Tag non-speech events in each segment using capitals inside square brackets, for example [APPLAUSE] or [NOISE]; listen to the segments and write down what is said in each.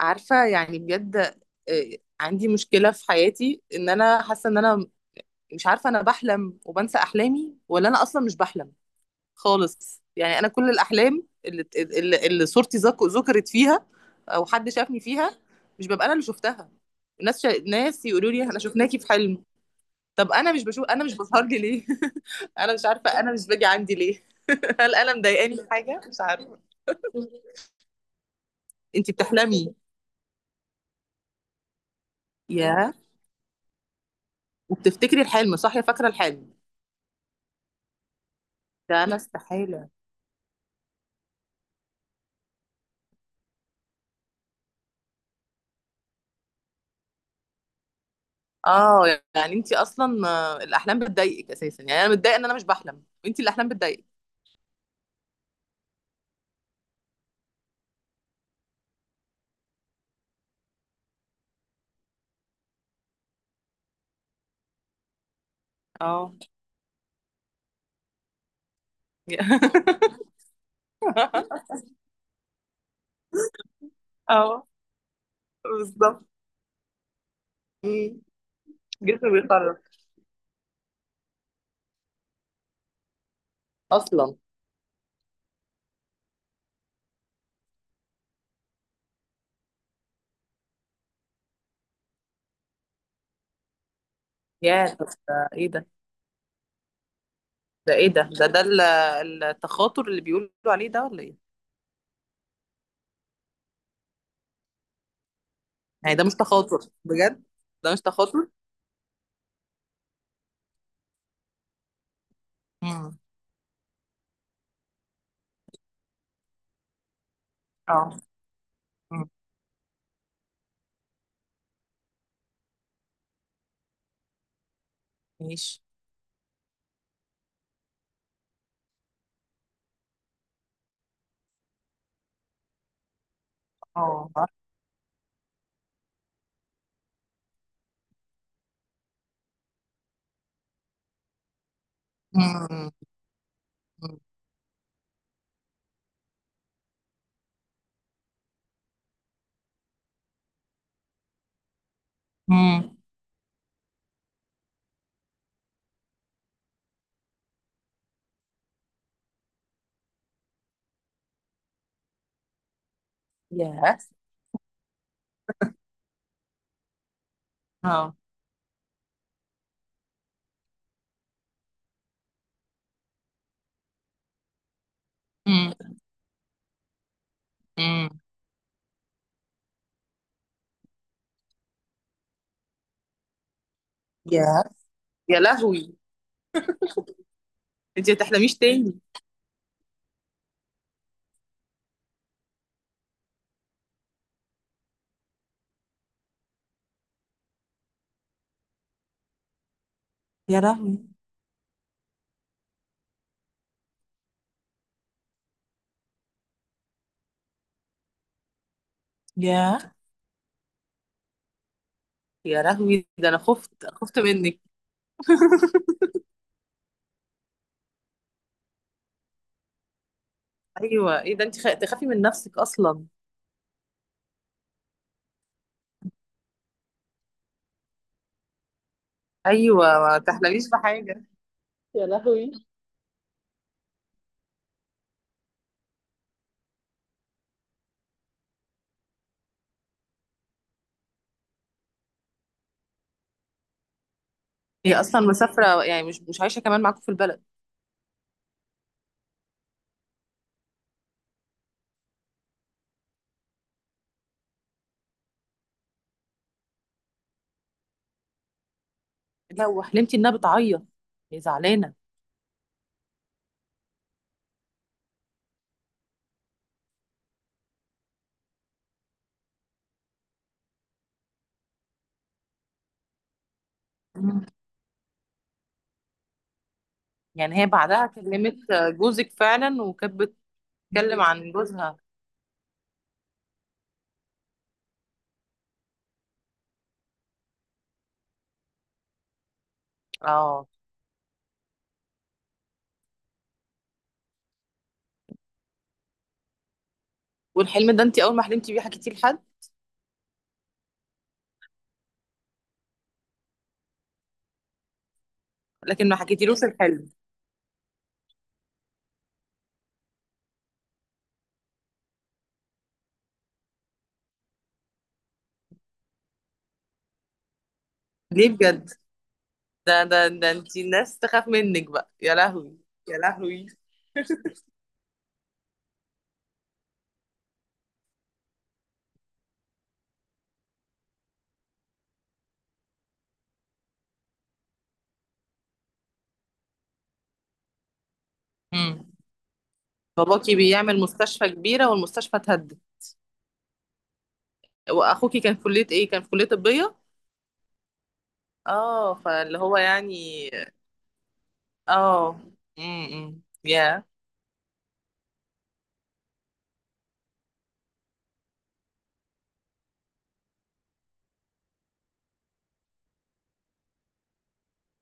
عارفة يعني بجد. عندي مشكلة في حياتي ان انا حاسة ان انا مش عارفة، انا بحلم وبنسى احلامي ولا انا اصلا مش بحلم خالص. يعني انا كل الاحلام اللي صورتي ذكرت فيها او حد شافني فيها، مش ببقى انا اللي شفتها. ناس يقولوا لي احنا شفناكي في حلم. طب انا مش بشوف، انا مش بظهر لي ليه؟ [LAUGHS] انا مش عارفة، انا مش باجي عندي ليه؟ [LAUGHS] هل انا مضايقاني في حاجة؟ مش عارفة. انتي بتحلمي؟ ياه. وبتفتكري الحلم صح يا فاكرة الحلم؟ ده انا استحالة. اه. يعني انت اصلا الاحلام بتضايقك اساسا؟ يعني انا متضايقه ان انا مش بحلم وانت الاحلام بتضايقك. اه. [LAUGHS] اه. بالظبط. مم. جسمي بيخرف اصلا. يا طب ده ايه ده؟ ده ايه التخاطر اللي بيقولوا عليه ده ولا ايه؟ يعني ده مش تخاطر بجد؟ ده مش تخاطر. امم. اه. امم. ماشي. اه. امم. امم. يا. اه. امم. يا. يا لهوي، انت ما تحلميش تاني. يا لهوي. يا يا لهوي، ده انا خفت، أنا خفت منك. [LAUGHS] ايوه، ايه ده، انت تخافي من نفسك اصلا؟ ايوه، ما تحلميش بحاجه. يا لهوي. هي اصلا مسافره يعني، مش عايشه كمان معاكم في البلد؟ لا، وحلمتي انها بتعيط؟ هي زعلانه. مم. يعني هي بعدها كلمت جوزك فعلا وكانت بتتكلم عن جوزها؟ اه. والحلم ده انت اول ما حلمتي بيه حكيتيه لحد؟ لكن ما حكيتيلوش الحلم ليه بجد؟ ده انتي الناس تخاف منك بقى، يا لهوي. يا لهوي. امم. باباكي بيعمل مستشفى كبيرة والمستشفى اتهدت؟ واخوكي كان في كلية ايه، كان في كلية طبية؟ اه. فاللي هو يعني. اه. امم. يا.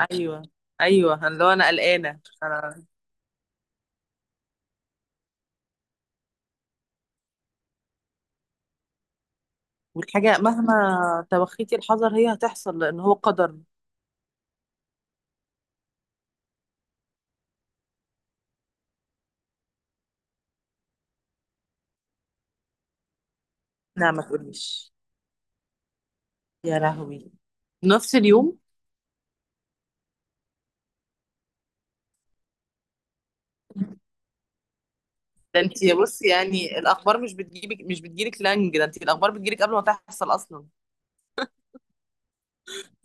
ايوه، ايوه اللي هو انا قلقانة انا. والحاجة مهما توخيتي الحذر هي هتحصل لان هو قدر. لا ما تقوليش. يا لهوي. نفس اليوم؟ ده انت، بصي يعني الاخبار مش بتجيبك، مش بتجيلك لانج، ده انت الاخبار بتجيلك قبل ما تحصل اصلا.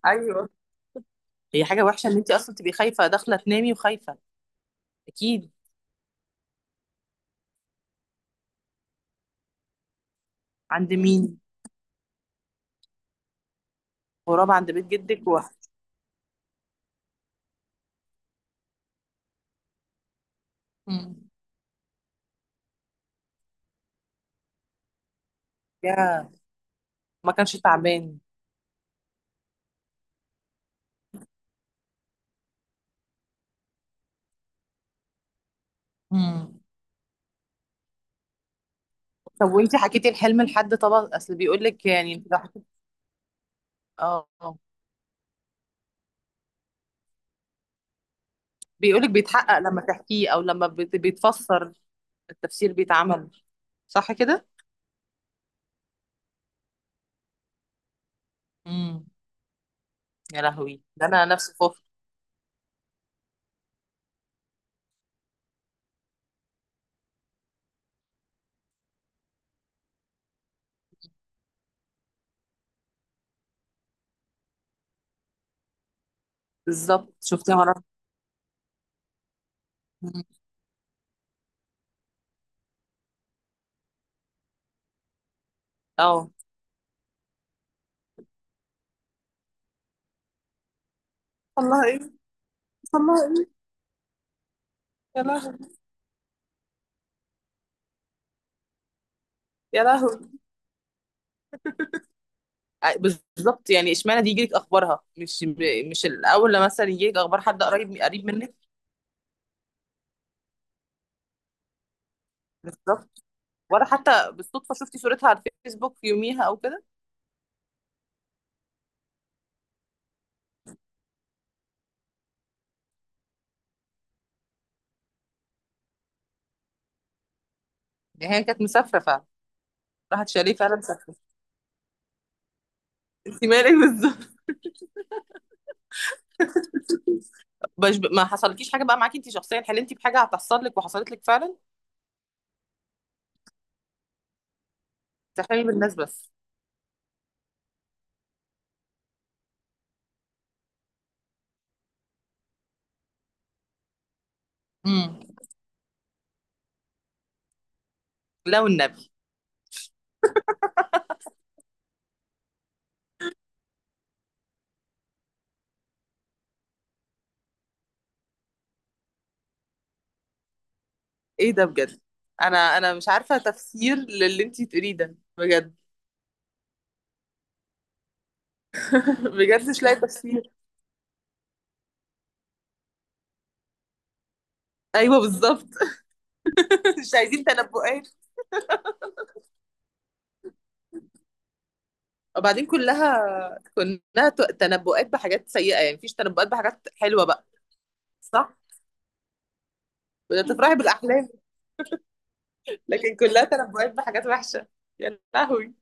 ايوه. هي حاجه وحشه ان انت اصلا تبقي خايفه داخله تنامي وخايفه. اكيد. عند مين؟ غراب عند بيت جدك. مم. يا. ما كانش تعبان؟ مم. طب وانت حكيتي الحلم لحد طبعا، اصل بيقول لك، يعني انت لو. اه. بيقول لك بيتحقق لما تحكيه او لما بيتفسر؟ التفسير بيتعمل. صح كده. امم. يا لهوي، ده انا نفسي خفت. بالظبط، شفتي مرة. مم. اه. والله ايه، والله ايه. يا لهوي. يا لهوي. بالظبط يعني، اشمعنى دي يجيلك اخبارها، مش الاول لما مثلا يجيلك اخبار حد قريب قريب منك؟ بالظبط. ولا حتى بالصدفه شفتي صورتها على الفيسبوك في يوميها او كده؟ يعني هي كانت مسافره فعلا؟ راحت شاليه فعلا مسافره؟ انت مالك بالظبط. [LAUGHS] مش ب... ما حصلكيش حاجه بقى معاكي انت شخصيا، حلمتي بحاجه هتحصل لك وحصلت لك فعلا؟ تحلمي بالناس بس؟ امم. لا والنبي. ايه ده بجد، انا مش عارفه تفسير للي انت تقوليه ده بجد. [LAUGHS] بجد مش لاقي تفسير. ايوه بالظبط. [LAUGHS] مش عايزين تنبؤات. وبعدين كلها تنبؤات بحاجات سيئة، يعني مفيش تنبؤات بحاجات حلوة بقى؟ صح؟ بدها تفرحي بالأحلام. لكن كلها تنبؤات بحاجات وحشة. يا لهوي.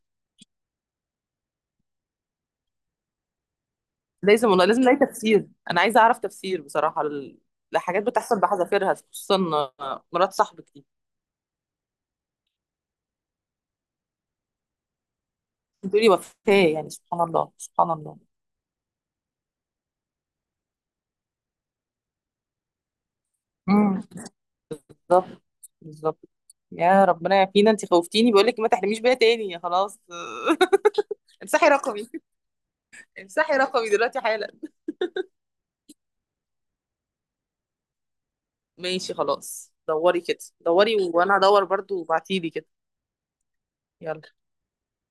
لازم والله، لازم نلاقي تفسير، أنا عايزة أعرف تفسير بصراحة لحاجات بتحصل بحذافيرها، خصوصا مرات صاحبك دي. بتقولي وفاة، يعني سبحان الله سبحان الله. امم. بالظبط. بالظبط. يا ربنا يعافينا، انت خوفتيني، بقول لك ما تحرميش بيها تاني يا خلاص. [LAUGHS] امسحي رقمي، امسحي رقمي دلوقتي حالا. ماشي خلاص، دوري كده، دوري وانا هدور برضو وبعتيلي كده. يلا.